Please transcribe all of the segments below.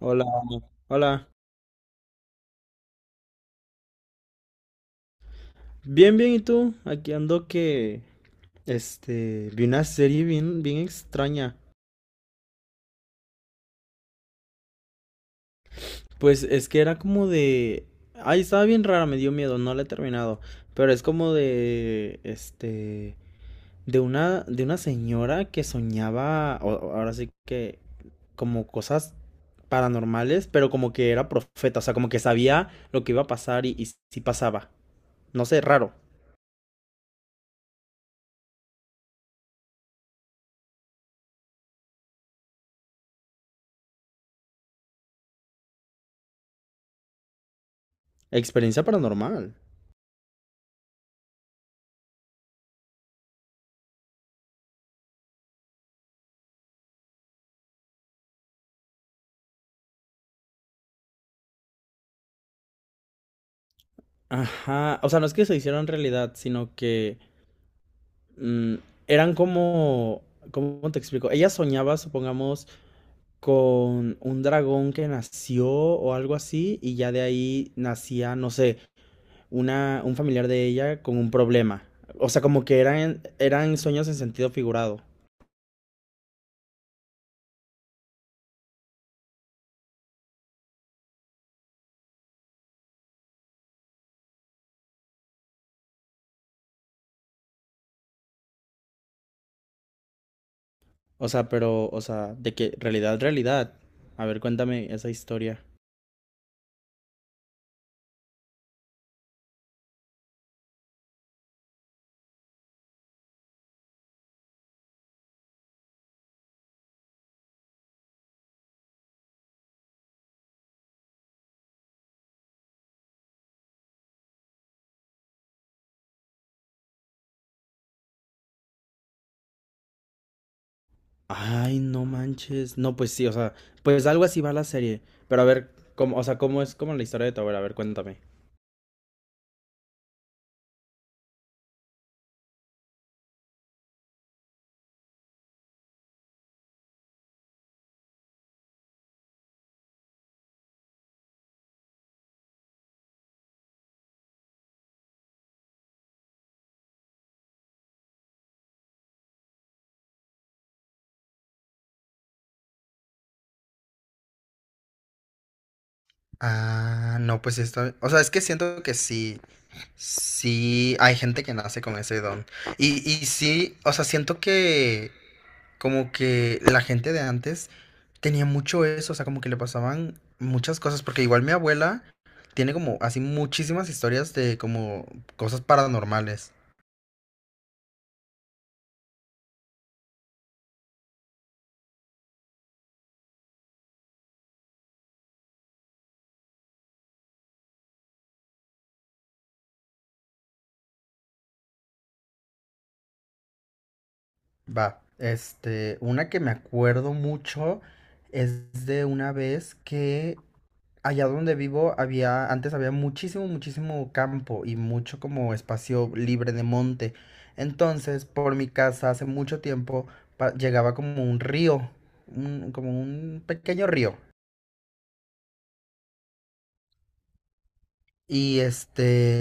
Hola, hola. Bien, bien, ¿y tú? Aquí ando que, vi una serie bien extraña. Pues es que era como Ay, estaba bien rara, me dio miedo, no la he terminado. Pero es como de, de una señora que soñaba, ahora sí que, como cosas paranormales, pero como que era profeta, o sea, como que sabía lo que iba a pasar y si pasaba. No sé, raro. Experiencia paranormal. Ajá, o sea, no es que se hicieron realidad, sino que mm, eran como, ¿cómo te explico? Ella soñaba, supongamos, con un dragón que nació o algo así, y ya de ahí nacía, no sé, un familiar de ella con un problema. O sea, como que eran sueños en sentido figurado. O sea, pero, o sea, de que realidad, realidad. A ver, cuéntame esa historia. Ay, no manches. No, pues sí, o sea, pues algo así va la serie. Pero a ver, cómo, o sea, cómo es como la historia de tu abuela, a ver, cuéntame. Ah, no, pues esto, o sea, es que siento que sí, sí, hay gente que nace con ese don. Y sí, o sea, siento que como que la gente de antes tenía mucho eso, o sea, como que le pasaban muchas cosas, porque igual mi abuela tiene como así muchísimas historias de como cosas paranormales. Va, este, una que me acuerdo mucho es de una vez que allá donde vivo había, antes había muchísimo campo y mucho como espacio monte. En mi campo pa- va como un río, como un pequeño río. Y este,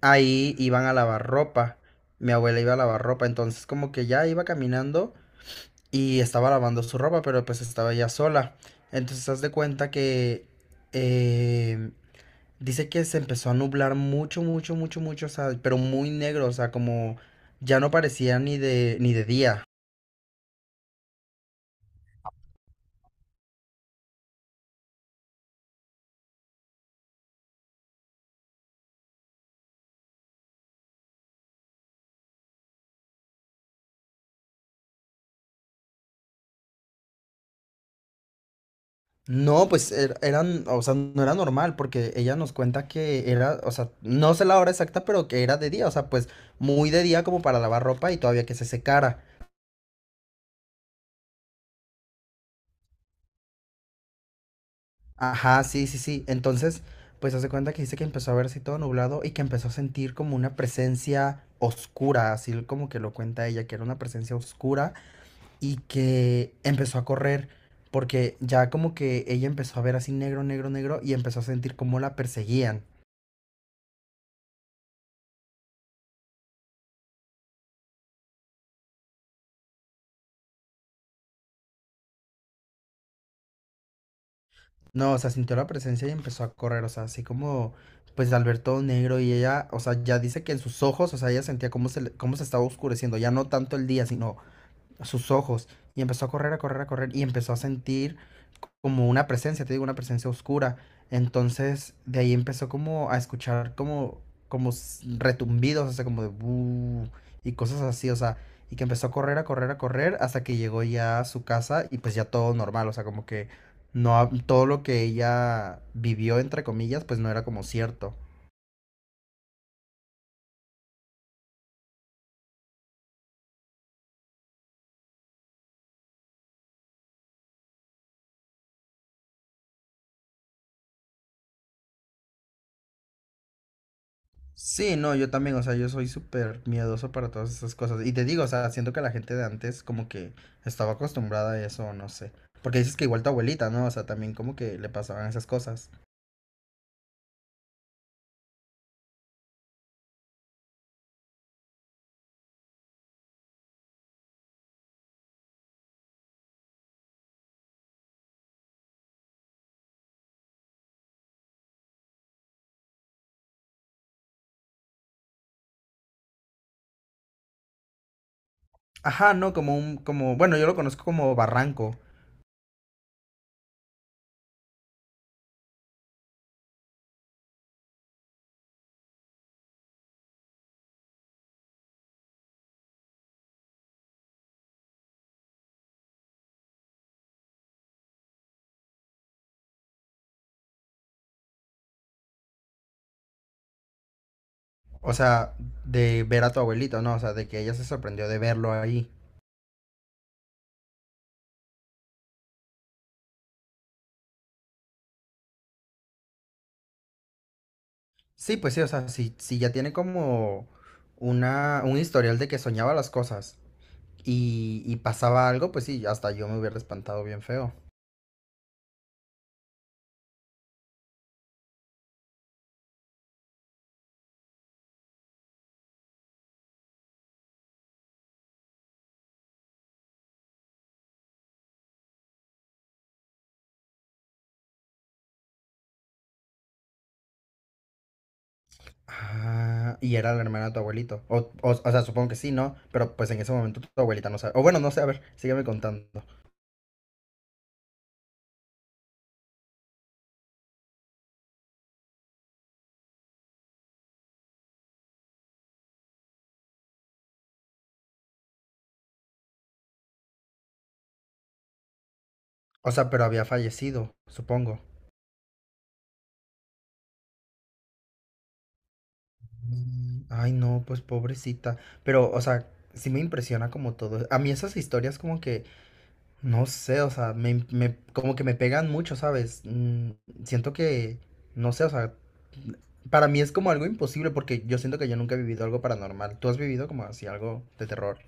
ahí iban a lavar ropa. Mi abuela iba a lavar ropa, entonces como que ya iba caminando y estaba lavando su ropa, pero pues estaba ya sola. Entonces haz de cuenta que... em, Dice que se empezó a nublar mucho, o sea, pero muy negro, o sea, como ya no parecía ni ni de día. No, pues eran, o sea, no era normal, porque ella nos cuenta que era, o sea, no sé la hora exacta, pero que era de día, o sea, pues muy de día como para lavar ropa y todavía que se secara. Ajá, sí, sí, sí. Entonces, pues hace cuenta que dice que empezó a verse todo nublado y que empezó a sentir como una presencia oscura, así como que lo cuenta ella, que era una presencia oscura y que empezó a correr porque ya como que ella empezó a ver así negro y empezó a sentir como la perseguían. No, o sea, sintió la presencia y empezó a correr, o sea, así como pues al ver todo negro y ella, o sea, ya dice que en sus ojos, o sea, ella sentía cómo se estaba oscureciendo, ya no tanto el día, sino a sus ojos y empezó a correr y empezó a sentir como una presencia, te digo, una presencia oscura. Entonces, de ahí empezó como a escuchar como, como retumbidos, o sea, como de "bu", y cosas así, o sea, y que empezó a correr hasta que llegó ya a su casa y pues ya todo normal, o sea, como que no, todo lo que ella vivió, entre comillas, pues no era como cierto. Sí, no, yo también, o sea, yo soy súper miedoso para todas esas cosas. Y te digo, o sea, siento que la gente de antes como que estaba acostumbrada a eso, no sé. Porque dices que igual tu abuelita, ¿no? O sea, también como que le pasaban esas cosas. Ajá, no, como un, como, bueno, yo lo conozco como barranco. O sea, de ver a tu abuelito, ¿no? O sea, de que ella se sorprendió de verlo ahí. Sí, pues sí, o sea, si ya tiene como una, un historial de que soñaba las cosas y pasaba algo, pues sí, hasta yo me hubiera espantado bien feo. Ah, y era la hermana de tu abuelito. O sea, supongo que sí, ¿no? Pero pues en ese momento tu abuelita no sabe. O bueno, no sé, a ver, sígueme contando. O sea, pero había fallecido, supongo. Mm, ay, no, pues pobrecita. Pero, o sea, sí me impresiona como todo. A mí esas historias como que, no sé, o sea, como que me pegan mucho, ¿sabes? Mm, siento que, no sé, o sea, para mí es como algo imposible porque yo siento que yo nunca he vivido algo paranormal. ¿Tú has vivido como así algo de terror?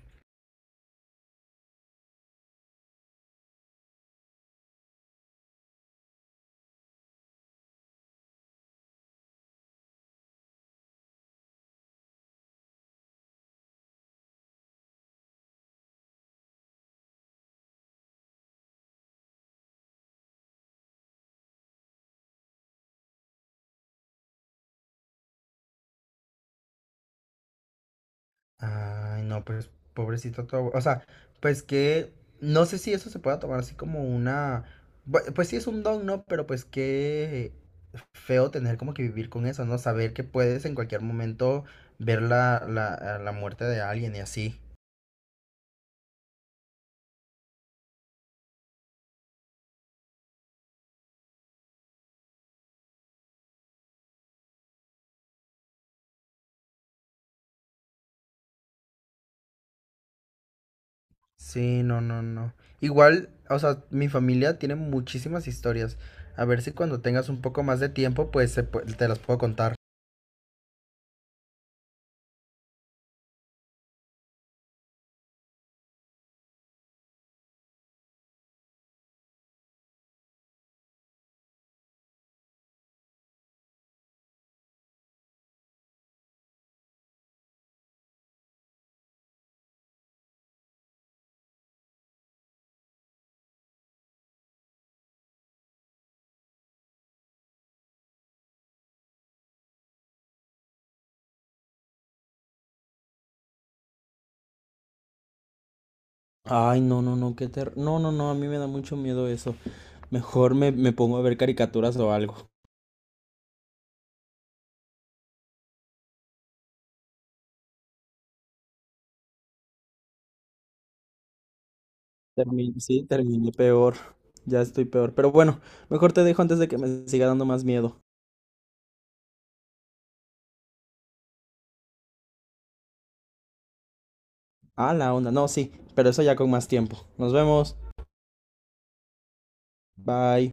Ay, no, pues pobrecito tu abuelo. O sea, pues que no sé si eso se pueda tomar así como una. Pues sí es un don, ¿no? Pero pues qué feo tener como que vivir con eso, ¿no? Saber que puedes en cualquier momento ver a la muerte de alguien y así. Sí, no, no, no. Igual, o sea, mi familia tiene muchísimas historias. A ver si cuando tengas un poco más de tiempo, pues te las puedo contar. Ay, no, no, no, qué no, no, no, a mí me da mucho miedo eso. Me pongo a ver caricaturas o algo. Sí, terminé peor. Ya estoy peor. Pero bueno, mejor te dejo antes de que me siga dando más miedo. Ah, la onda. No, sí, pero eso ya con más tiempo. Nos vemos. Bye.